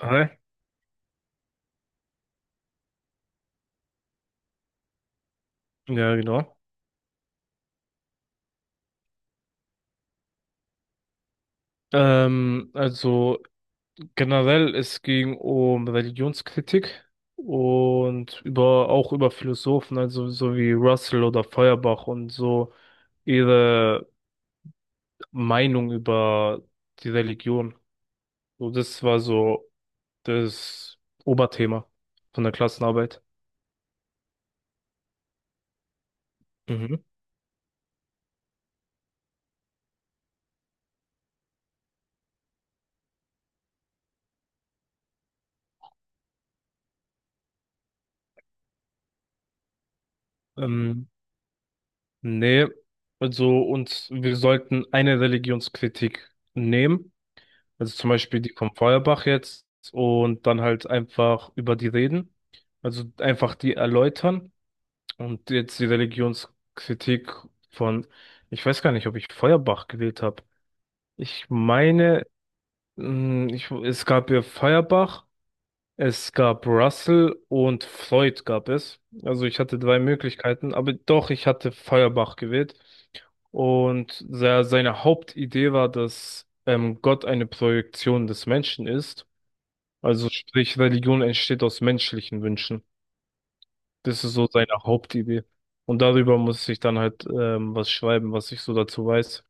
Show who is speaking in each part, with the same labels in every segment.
Speaker 1: Hi. Ja, genau. Also generell, es ging um Religionskritik und über auch über Philosophen, also so wie Russell oder Feuerbach und so ihre Meinung über die Religion. So, das war so das Oberthema von der Klassenarbeit. Mhm. Ähm, nee, also und wir sollten eine Religionskritik nehmen. Also zum Beispiel die vom Feuerbach jetzt, und dann halt einfach über die reden. Also einfach die erläutern und jetzt die Religionskritik von, ich weiß gar nicht, ob ich Feuerbach gewählt habe. Ich meine, es gab ja Feuerbach, es gab Russell und Freud gab es. Also ich hatte drei Möglichkeiten, aber doch, ich hatte Feuerbach gewählt. Und seine Hauptidee war, dass Gott eine Projektion des Menschen ist, also sprich, Religion entsteht aus menschlichen Wünschen. Das ist so seine Hauptidee. Und darüber muss ich dann halt was schreiben, was ich so dazu weiß.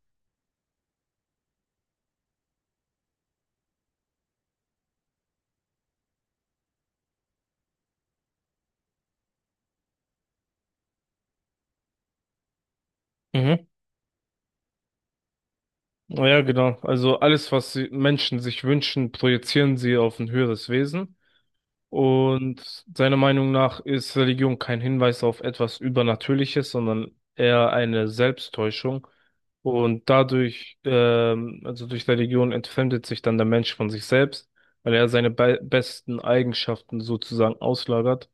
Speaker 1: Mhm. Ja, genau. Also alles, was Menschen sich wünschen, projizieren sie auf ein höheres Wesen. Und seiner Meinung nach ist Religion kein Hinweis auf etwas Übernatürliches, sondern eher eine Selbsttäuschung. Und dadurch, also durch Religion, entfremdet sich dann der Mensch von sich selbst, weil er seine be besten Eigenschaften sozusagen auslagert.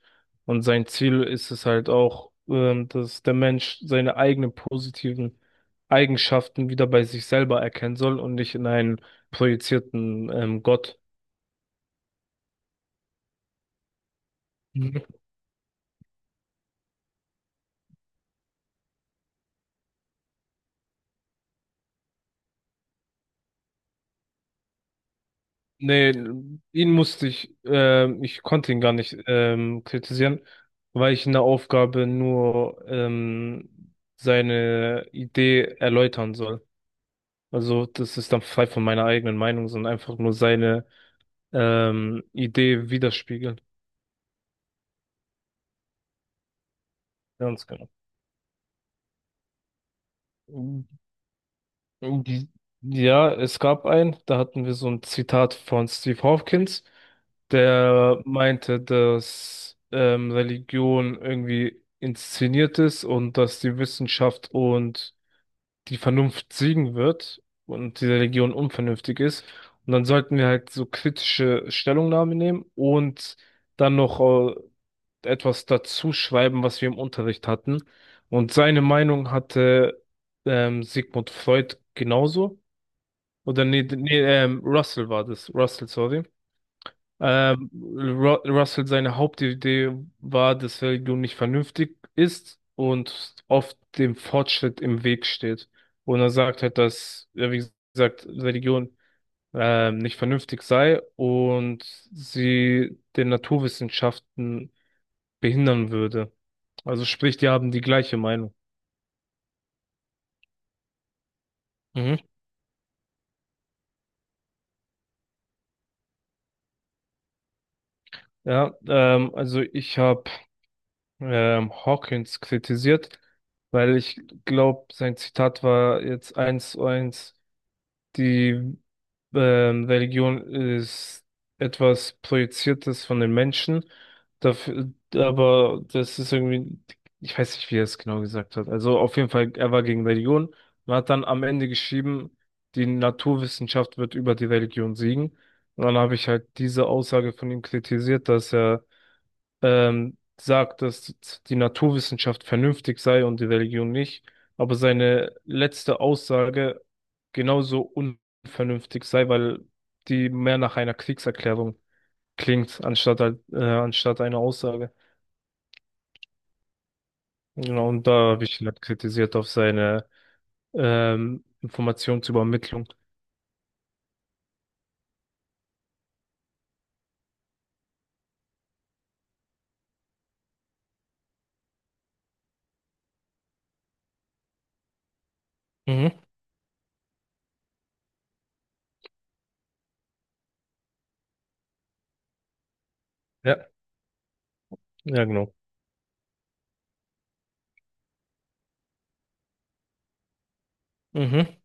Speaker 1: Und sein Ziel ist es halt auch, dass der Mensch seine eigenen positiven Eigenschaften wieder bei sich selber erkennen soll und nicht in einen projizierten, Gott. Nee, ihn musste ich, ich konnte ihn gar nicht kritisieren, weil ich in der Aufgabe nur seine Idee erläutern soll. Also das ist dann frei von meiner eigenen Meinung, sondern einfach nur seine Idee widerspiegeln. Ganz genau. Die- Ja, es gab einen, da hatten wir so ein Zitat von Steve Hawkins, der meinte, dass Religion irgendwie inszeniert ist und dass die Wissenschaft und die Vernunft siegen wird und die Religion unvernünftig ist. Und dann sollten wir halt so kritische Stellungnahmen nehmen und dann noch äh, etwas dazu schreiben, was wir im Unterricht hatten. Und seine Meinung hatte Sigmund Freud genauso. Oder nee, nee, Russell war das. Russell, sorry. Ru Russell, seine Hauptidee war, dass Religion nicht vernünftig ist und oft dem Fortschritt im Weg steht. Und er sagt halt, dass, ja, wie gesagt, Religion nicht vernünftig sei und sie den Naturwissenschaften behindern würde. Also sprich, die haben die gleiche Meinung. Mhm. Ja, also ich habe Hawkins kritisiert, weil ich glaube, sein Zitat war jetzt eins zu eins, die Religion ist etwas Projiziertes von den Menschen, dafür, aber das ist irgendwie, ich weiß nicht, wie er es genau gesagt hat. Also auf jeden Fall, er war gegen Religion und hat dann am Ende geschrieben, die Naturwissenschaft wird über die Religion siegen. Und dann habe ich halt diese Aussage von ihm kritisiert, dass er sagt, dass die Naturwissenschaft vernünftig sei und die Religion nicht, aber seine letzte Aussage genauso unvernünftig sei, weil die mehr nach einer Kriegserklärung klingt, anstatt, anstatt einer Aussage. Genau, und da habe ich ihn halt kritisiert auf seine Informationsübermittlung. Mhm. Ja, ja, genau. Mhm.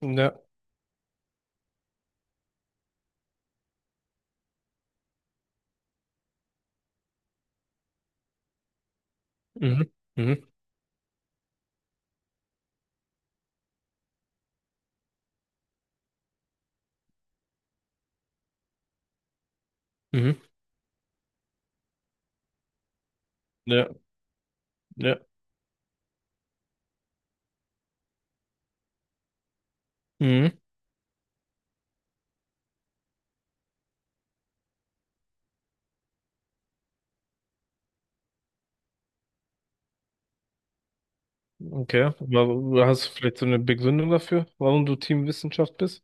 Speaker 1: Ja. Mhm. Mhm. Mhm. Ja. Ja. Mhm. Okay. Hast du vielleicht so eine Begründung dafür, warum du Teamwissenschaft bist?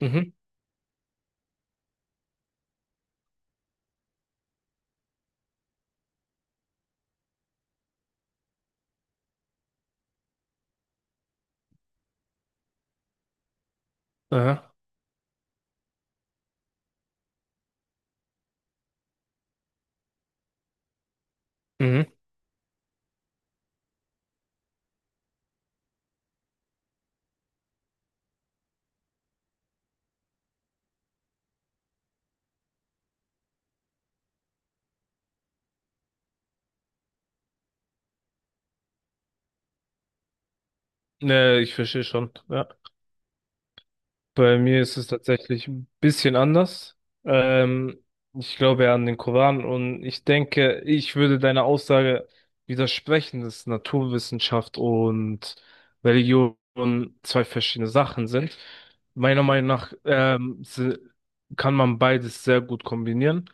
Speaker 1: Mhm. Aha. Mhm. Ne, ich verstehe schon. Ja. Bei mir ist es tatsächlich ein bisschen anders. Ähm, ich glaube ja an den Koran und ich denke, ich würde deiner Aussage widersprechen, dass Naturwissenschaft und Religion zwei verschiedene Sachen sind. Meiner Meinung nach kann man beides sehr gut kombinieren.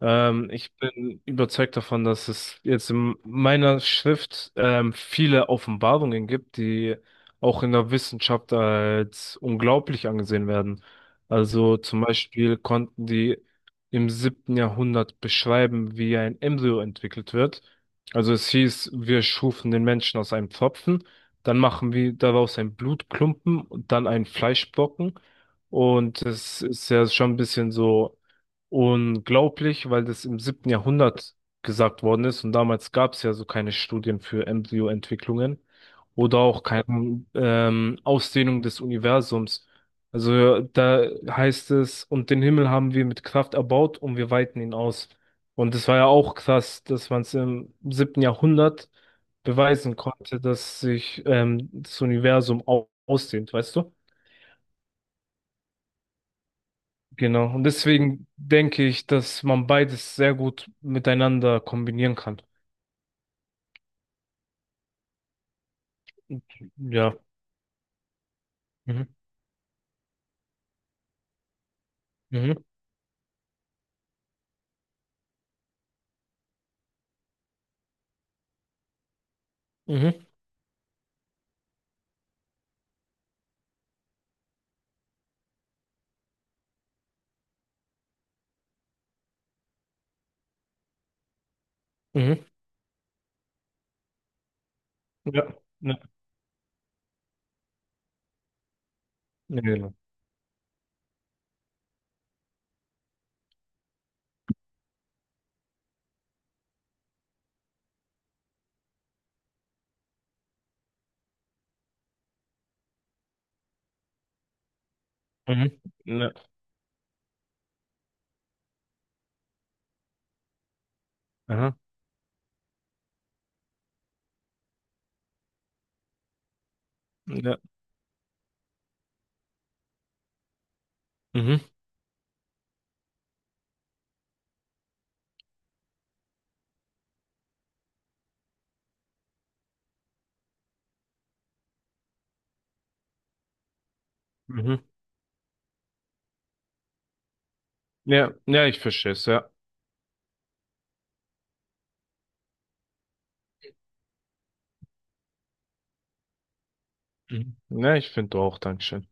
Speaker 1: Ich bin überzeugt davon, dass es jetzt in meiner Schrift viele Offenbarungen gibt, die auch in der Wissenschaft als unglaublich angesehen werden. Also zum Beispiel konnten die im siebten Jahrhundert beschreiben, wie ein Embryo entwickelt wird. Also es hieß, wir schufen den Menschen aus einem Pfropfen, dann machen wir daraus einen Blutklumpen und dann einen Fleischbrocken. Und es ist ja schon ein bisschen so unglaublich, weil das im siebten Jahrhundert gesagt worden ist und damals gab es ja so keine Studien für Embryoentwicklungen oder auch keine Ausdehnung des Universums. Also da heißt es, und den Himmel haben wir mit Kraft erbaut und wir weiten ihn aus. Und es war ja auch krass, dass man es im siebten Jahrhundert beweisen konnte, dass sich das Universum au ausdehnt, weißt du? Genau. Und deswegen denke ich, dass man beides sehr gut miteinander kombinieren kann. Ja. Mhm. Mhm. Mhm. Mhm. Ja. Ja. Ja. Genau. Mhm. Ja. Aha. Ja. Mhm. Mhm. Ja. Ja, ich verstehe es, ja. Mhm. Ja, ich finde auch, Dankeschön.